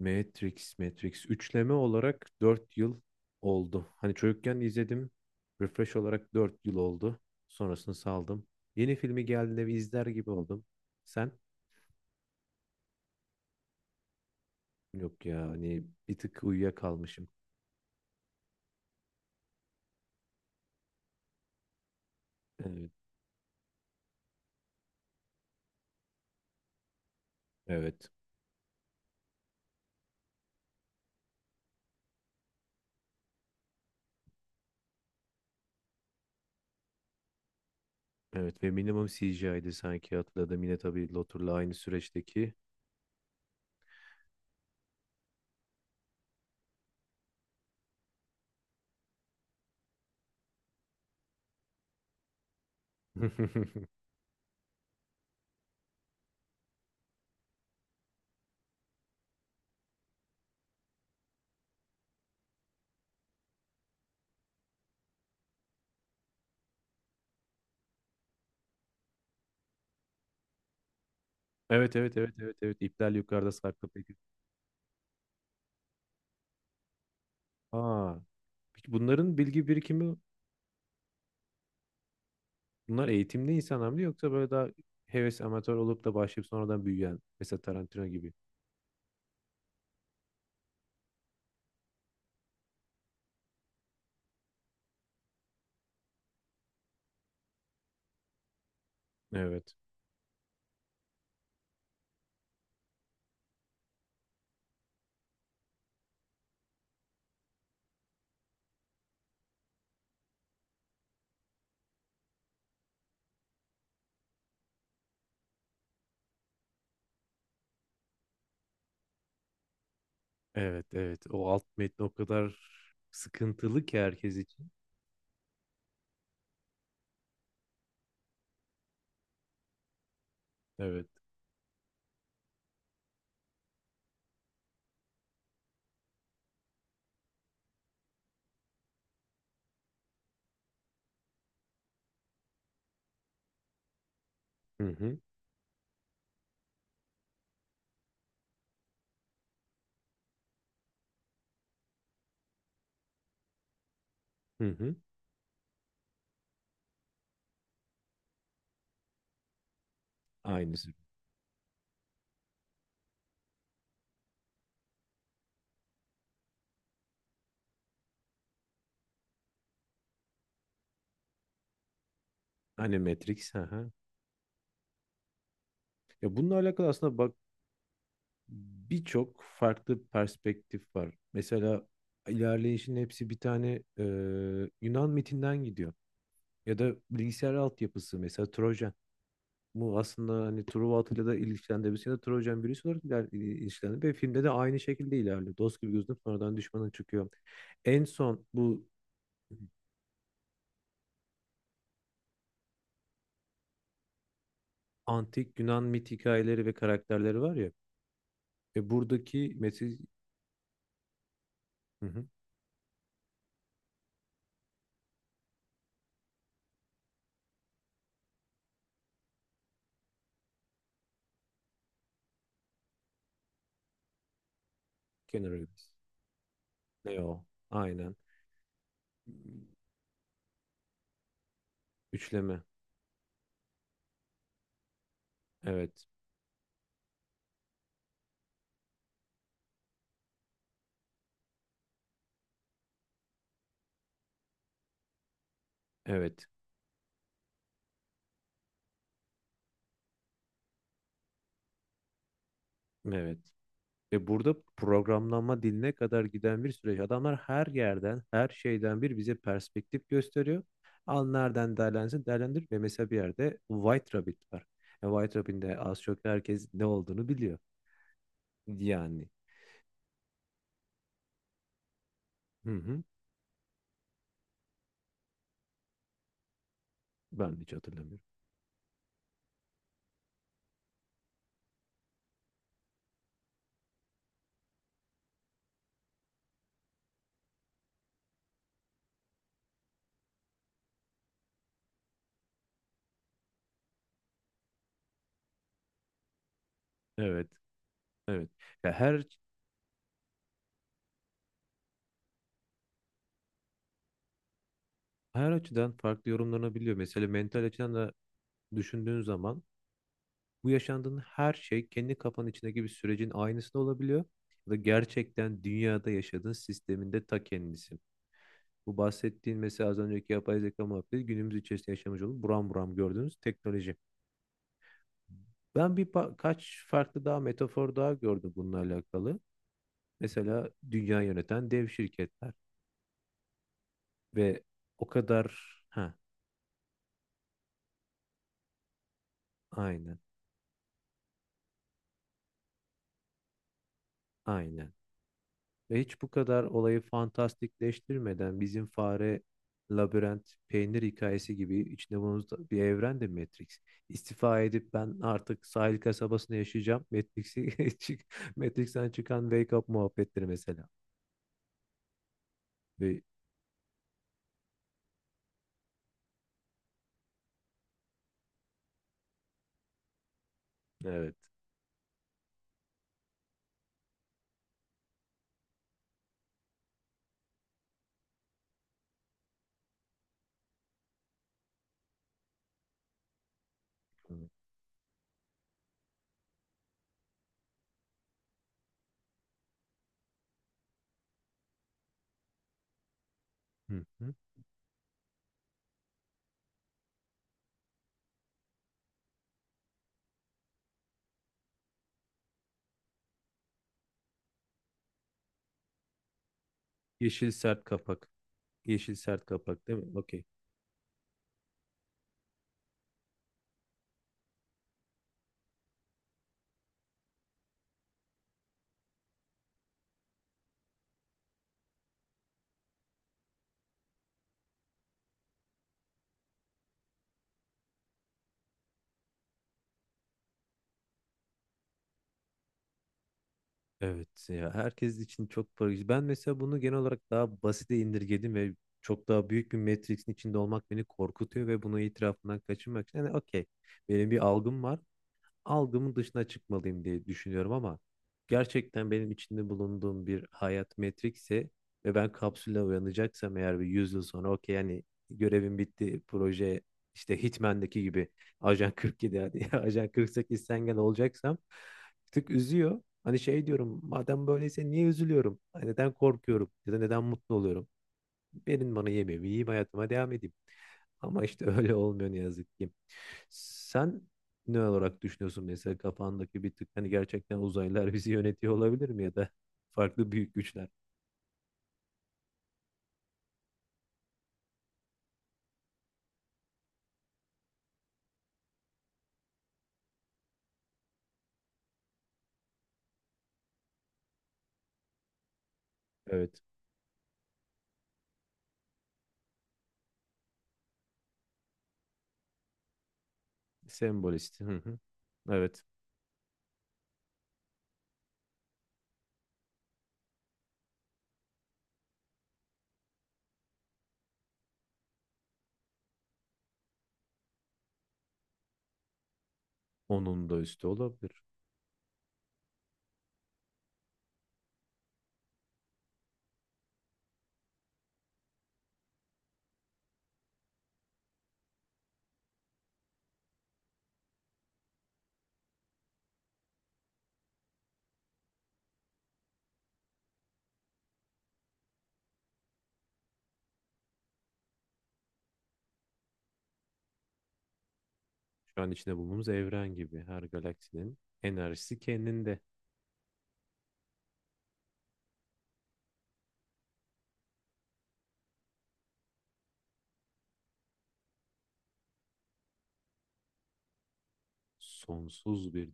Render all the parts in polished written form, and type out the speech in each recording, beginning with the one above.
Matrix, Matrix. Üçleme olarak 4 yıl oldu. Hani çocukken izledim. Refresh olarak 4 yıl oldu. Sonrasını saldım. Yeni filmi geldiğinde bir izler gibi oldum. Sen? Yok ya hani bir tık uyuyakalmışım. Evet. Evet. Evet ve minimum CGI'di sanki hatırladım. Yine tabii Lotur'la aynı süreçteki. Evet, evet, evet, evet, evet. İpler yukarıda sarkıp. Aa, peki bunların bilgi birikimi. Bunlar eğitimli insanlar mı yoksa böyle daha heves amatör olup da başlayıp sonradan büyüyen mesela Tarantino gibi. Evet. Evet, evet. O alt metni o kadar sıkıntılı ki herkes için. Evet. Hı hı. Hı hı. Aynısı. Hani Matrix. Hı hı. Ya bununla alakalı aslında bak birçok farklı perspektif var. Mesela ilerleyişin hepsi bir tane Yunan mitinden gidiyor. Ya da bilgisayar altyapısı mesela Trojan. Bu aslında hani Truva Atilla da ilişkilendirmesiyle Trojan birisi olarak ilişkilendi ve filmde de aynı şekilde ilerliyor. Dost gibi gözünüp sonradan düşmana çıkıyor. En son bu antik Yunan mit hikayeleri ve karakterleri var ya. Ve buradaki Mesih. Hı hı. Kenar. Ne o? Aynen. Üçleme. Evet. Evet. Evet. Ve burada programlanma diline kadar giden bir süreç. Adamlar her yerden, her şeyden bir bize perspektif gösteriyor. Al nereden değerlensin, değerlendir. Ve mesela bir yerde White Rabbit var. White Rabbit'in de az çok herkes ne olduğunu biliyor. Yani. Hı hı. Ben hiç hatırlamıyorum. Evet. Evet. Ya her açıdan farklı yorumlanabiliyor. Mesela mental açıdan da düşündüğün zaman, bu yaşandığın her şey kendi kafanın içindeki bir sürecin aynısı da olabiliyor. Ya da gerçekten dünyada yaşadığın sisteminde ta kendisi. Bu bahsettiğin mesela az önceki yapay zeka muhabbeti günümüz içerisinde yaşamış olup buram buram gördüğünüz teknoloji. Ben bir kaç farklı daha metafor daha gördüm bununla alakalı. Mesela dünya yöneten dev şirketler ve o kadar. Ha, aynen, aynen. Ve hiç bu kadar olayı fantastikleştirmeden bizim fare, labirent, peynir hikayesi gibi içinde bulunduğumuz bir evrende Matrix. İstifa edip ben artık sahil kasabasında yaşayacağım. Matrix'i Matrix'ten çıkan Wake Up muhabbetleri mesela. Ve evet. Hı hı. Yeşil sert kapak. Yeşil sert kapak değil mi? Okey. Evet ya herkes için çok farklı. Ben mesela bunu genel olarak daha basite indirgedim ve çok daha büyük bir Matrix'in içinde olmak beni korkutuyor ve bunu itirafından kaçınmak için. Yani okey, benim bir algım var, algımın dışına çıkmalıyım diye düşünüyorum ama gerçekten benim içinde bulunduğum bir hayat metrikse ve ben kapsülle uyanacaksam eğer bir 100 yıl sonra, okey yani, görevim bitti, proje, işte Hitman'daki gibi Ajan 47 hadi, Ajan 48 sen gel, olacaksam bir tık üzüyor. Hani şey diyorum madem böyleyse niye üzülüyorum? Hani, neden korkuyorum ya da neden mutlu oluyorum? Verin bana yemeğimi, yiyeyim hayatıma devam edeyim. Ama işte öyle olmuyor ne yazık ki. Sen ne olarak düşünüyorsun mesela kafandaki bir tık hani gerçekten uzaylılar bizi yönetiyor olabilir mi ya da farklı büyük güçler? Evet. Sembolist. Hı hı. Evet. Onun da üstü olabilir. Şu an içinde bulunduğumuz evren gibi her galaksinin enerjisi kendinde. Sonsuz bir.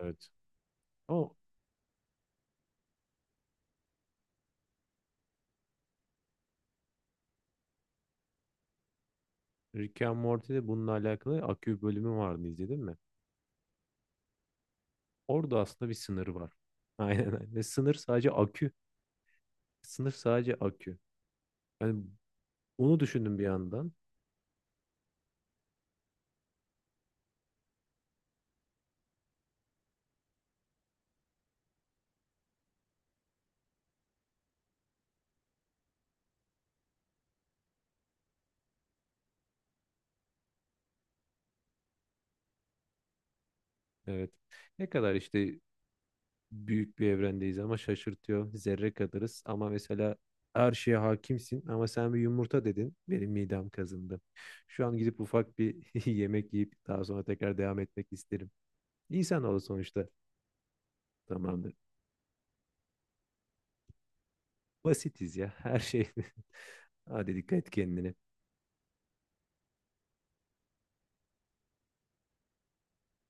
Evet. O, Rick and Morty'de bununla alakalı akü bölümü vardı, izledin mi? Orada aslında bir sınır var. Aynen, aynen. Ve sınır sadece akü. Sınır sadece akü. Yani onu düşündüm bir yandan. Evet. Ne kadar işte büyük bir evrendeyiz ama şaşırtıyor. Zerre kadarız ama mesela her şeye hakimsin ama sen bir yumurta dedin. Benim midem kazındı. Şu an gidip ufak bir yemek yiyip daha sonra tekrar devam etmek isterim. İnsanoğlu sonuçta tamamdır. Basitiz ya her şey. Hadi dikkat et kendine.